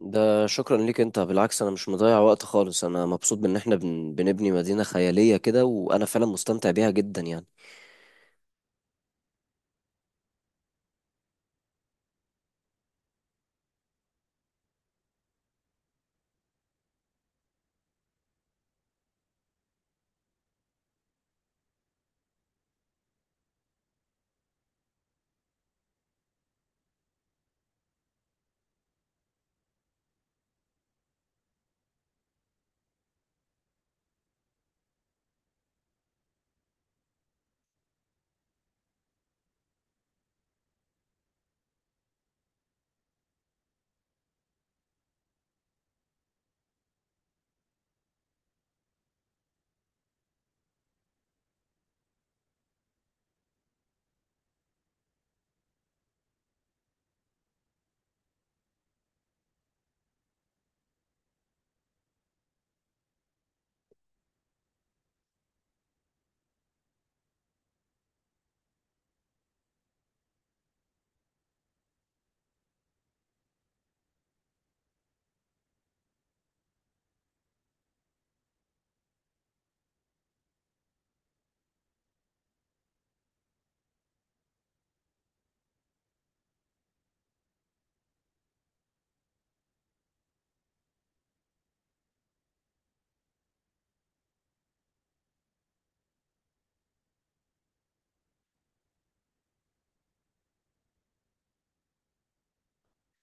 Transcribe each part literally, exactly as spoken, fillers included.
ده شكرا ليك انت، بالعكس. انا مش مضيع وقت خالص، انا مبسوط بان احنا بن... بنبني مدينة خيالية كده، وانا فعلا مستمتع بيها جدا يعني.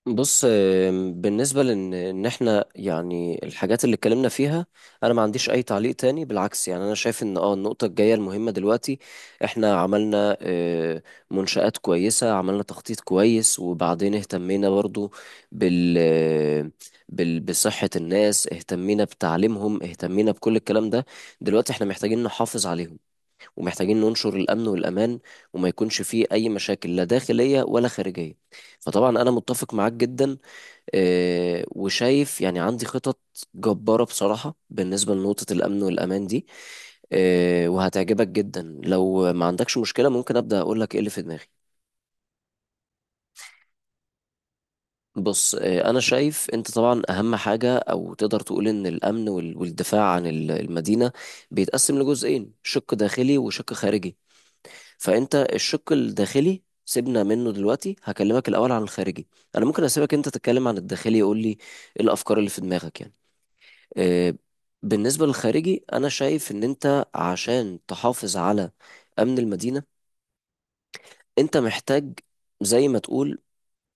بص، آم، بالنسبة لإن إن إحنا يعني الحاجات اللي اتكلمنا فيها، أنا ما عنديش أي تعليق تاني بالعكس. يعني أنا شايف إن أه النقطة الجاية المهمة دلوقتي، إحنا عملنا آه، منشآت كويسة، عملنا تخطيط كويس، وبعدين اهتمينا برضو بال بال بصحة الناس، اهتمينا بتعليمهم، اهتمينا بكل الكلام ده. دلوقتي إحنا محتاجين نحافظ عليهم، ومحتاجين ننشر الأمن والأمان، وما يكونش فيه أي مشاكل لا داخلية ولا خارجية. فطبعا أنا متفق معاك جدا، آه، وشايف يعني عندي خطط جبارة بصراحة بالنسبة لنقطة الأمن والأمان دي. آه، وهتعجبك جدا، لو ما عندكش مشكلة ممكن أبدأ أقول لك إيه اللي في دماغي. بص، آه، أنا شايف أنت طبعا أهم حاجة، أو تقدر تقول إن الأمن وال- والدفاع عن ال- المدينة بيتقسم لجزئين: شق داخلي وشق خارجي. فانت الشق الداخلي سيبنا منه دلوقتي، هكلمك الاول عن الخارجي، انا ممكن اسيبك انت تتكلم عن الداخلي، يقول لي ايه الافكار اللي في دماغك يعني. آه، بالنسبه للخارجي، انا شايف ان انت عشان تحافظ على امن المدينه، انت محتاج زي ما تقول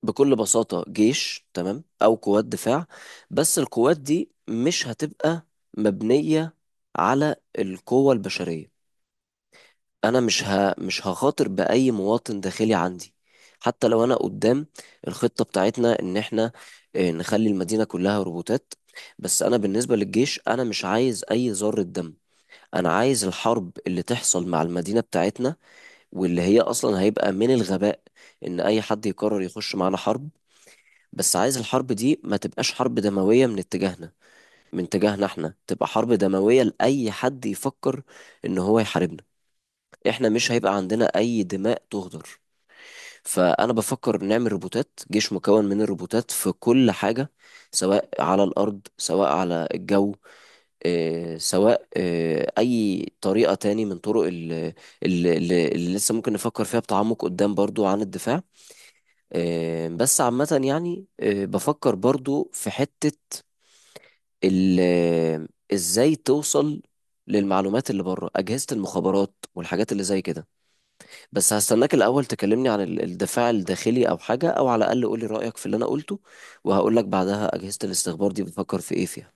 بكل بساطه جيش، تمام، او قوات دفاع. بس القوات دي مش هتبقى مبنيه على القوه البشريه. انا مش ه... مش هخاطر باي مواطن داخلي عندي، حتى لو انا قدام الخطة بتاعتنا ان احنا آه، نخلي المدينة كلها روبوتات. بس انا بالنسبة للجيش انا مش عايز اي ذرة دم. انا عايز الحرب اللي تحصل مع المدينة بتاعتنا، واللي هي اصلا هيبقى من الغباء ان اي حد يقرر يخش معانا حرب، بس عايز الحرب دي ما تبقاش حرب دموية من اتجاهنا. من اتجاهنا احنا تبقى حرب دموية لأي حد يفكر ان هو يحاربنا. احنا مش هيبقى عندنا اي دماء تهدر. فانا بفكر نعمل روبوتات، جيش مكون من الروبوتات في كل حاجة، سواء على الارض سواء على الجو، آه، سواء آه، اي طريقة تاني من طرق ال- ال- ال- اللي لسه ممكن نفكر فيها بتعمق قدام برضو عن الدفاع. آه، بس عامة يعني آه، بفكر برضو في حتة ال- آه، ازاي توصل للمعلومات اللي بره، أجهزة المخابرات والحاجات اللي زي كده. بس هستناك الأول تكلمني عن ال- الدفاع الداخلي أو حاجة، أو على الأقل قولي رأيك في اللي أنا قلته، وهقول لك بعدها أجهزة الاستخبار دي بفكر في إيه فيها.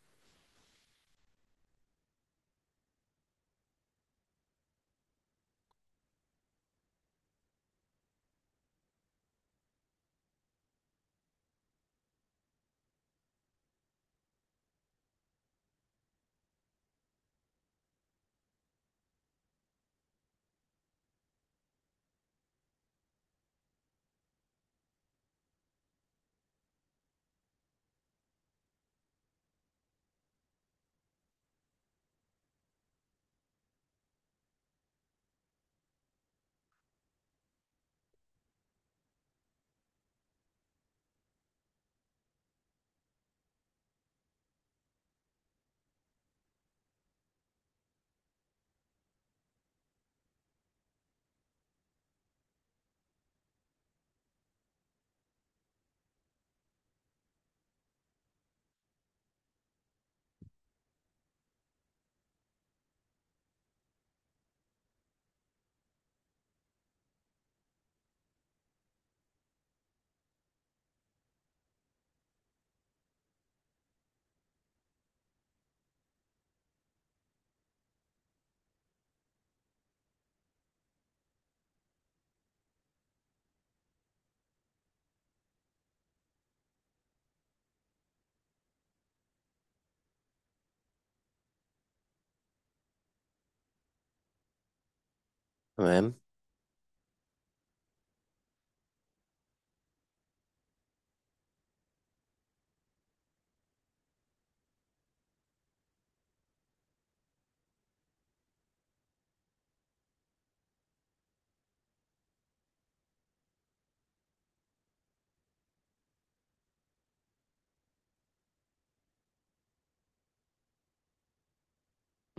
تمام.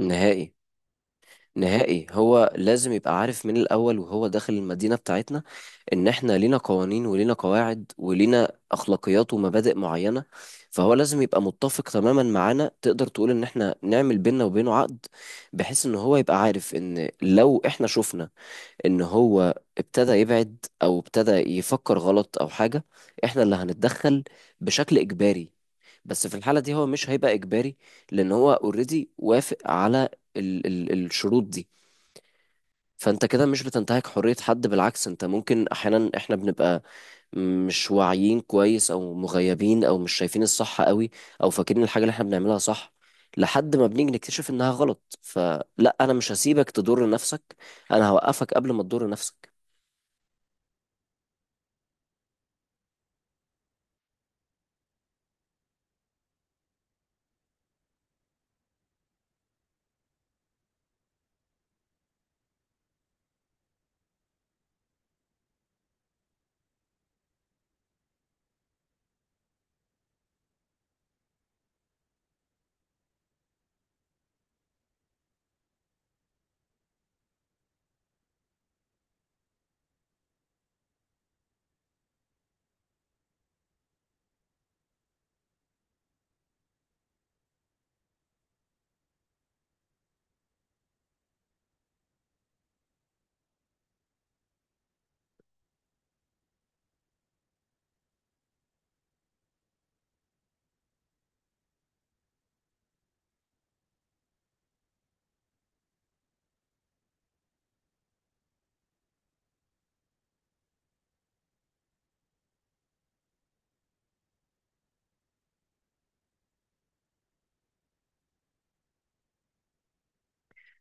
نهائي، نهائي. هو لازم يبقى عارف من الأول وهو داخل المدينة بتاعتنا إن إحنا لينا قوانين ولينا قواعد ولينا أخلاقيات ومبادئ معينة. فهو لازم يبقى متفق تماما معانا. تقدر تقول إن إحنا نعمل بيننا وبينه عقد، بحيث إن هو يبقى عارف إن لو إحنا شفنا ان هو ابتدى يبعد او ابتدى يفكر غلط او حاجة، احنا اللي هنتدخل بشكل اجباري. بس في الحالة دي هو مش هيبقى اجباري، لان هو اوريدي وافق على ال ال الشروط دي. فانت كده مش بتنتهك حرية حد، بالعكس. انت ممكن احيانا، احنا بنبقى مش واعيين كويس او مغيبين او مش شايفين الصح قوي، او فاكرين الحاجة اللي احنا بنعملها صح لحد ما بنيجي نكتشف انها غلط. فلا، انا مش هسيبك تضر نفسك، انا هوقفك قبل ما تضر نفسك.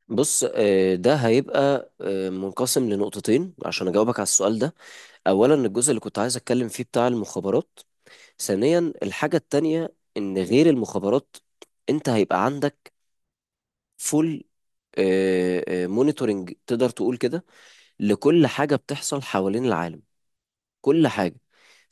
بص، آه، ده هيبقى آه، منقسم لنقطتين عشان اجاوبك على السؤال ده. اولا، الجزء اللي كنت عايز اتكلم فيه بتاع المخابرات. ثانيا، الحاجة التانية ان غير المخابرات، انت هيبقى عندك فول مونيتورنج تقدر تقول كده، لكل حاجة بتحصل حوالين العالم، كل حاجة.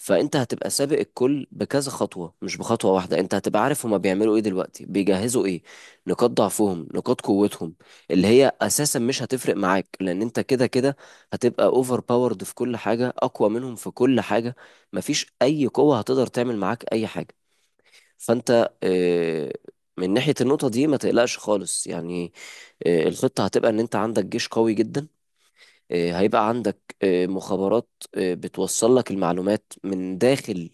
فأنت هتبقى سابق الكل بكذا خطوة، مش بخطوة واحدة. أنت هتبقى عارف هما بيعملوا إيه دلوقتي، بيجهزوا إيه، نقاط ضعفهم نقاط قوتهم، اللي هي أساسا مش هتفرق معاك، لأن أنت كده كده هتبقى أوفر باورد في كل حاجة، أقوى منهم في كل حاجة. مفيش أي قوة هتقدر تعمل معاك أي حاجة. فأنت آه، من ناحية النقطة دي ما تقلقش خالص يعني. آه، الخطة هتبقى إن أنت عندك جيش قوي جدا، آه، هيبقى عندك آه، مخابرات آه، بتوصل لك المعلومات من داخل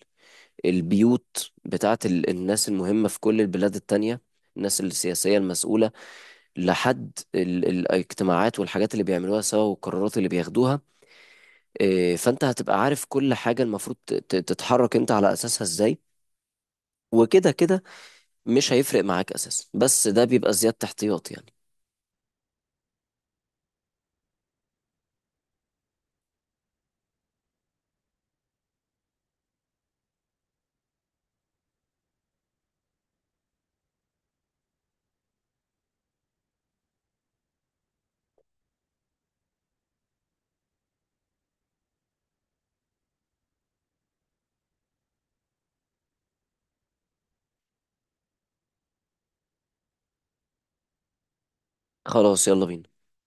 البيوت بتاعت ال- الناس المهمة في كل البلاد التانية، الناس السياسية المسؤولة، لحد ال- الاجتماعات والحاجات اللي بيعملوها سوا والقرارات اللي بياخدوها. آه، فانت هتبقى عارف كل حاجة المفروض ت- ت- تتحرك انت على اساسها ازاي. وكده كده مش هيفرق معاك اساسا، بس ده بيبقى زيادة احتياط يعني. خلاص، يلا بينا.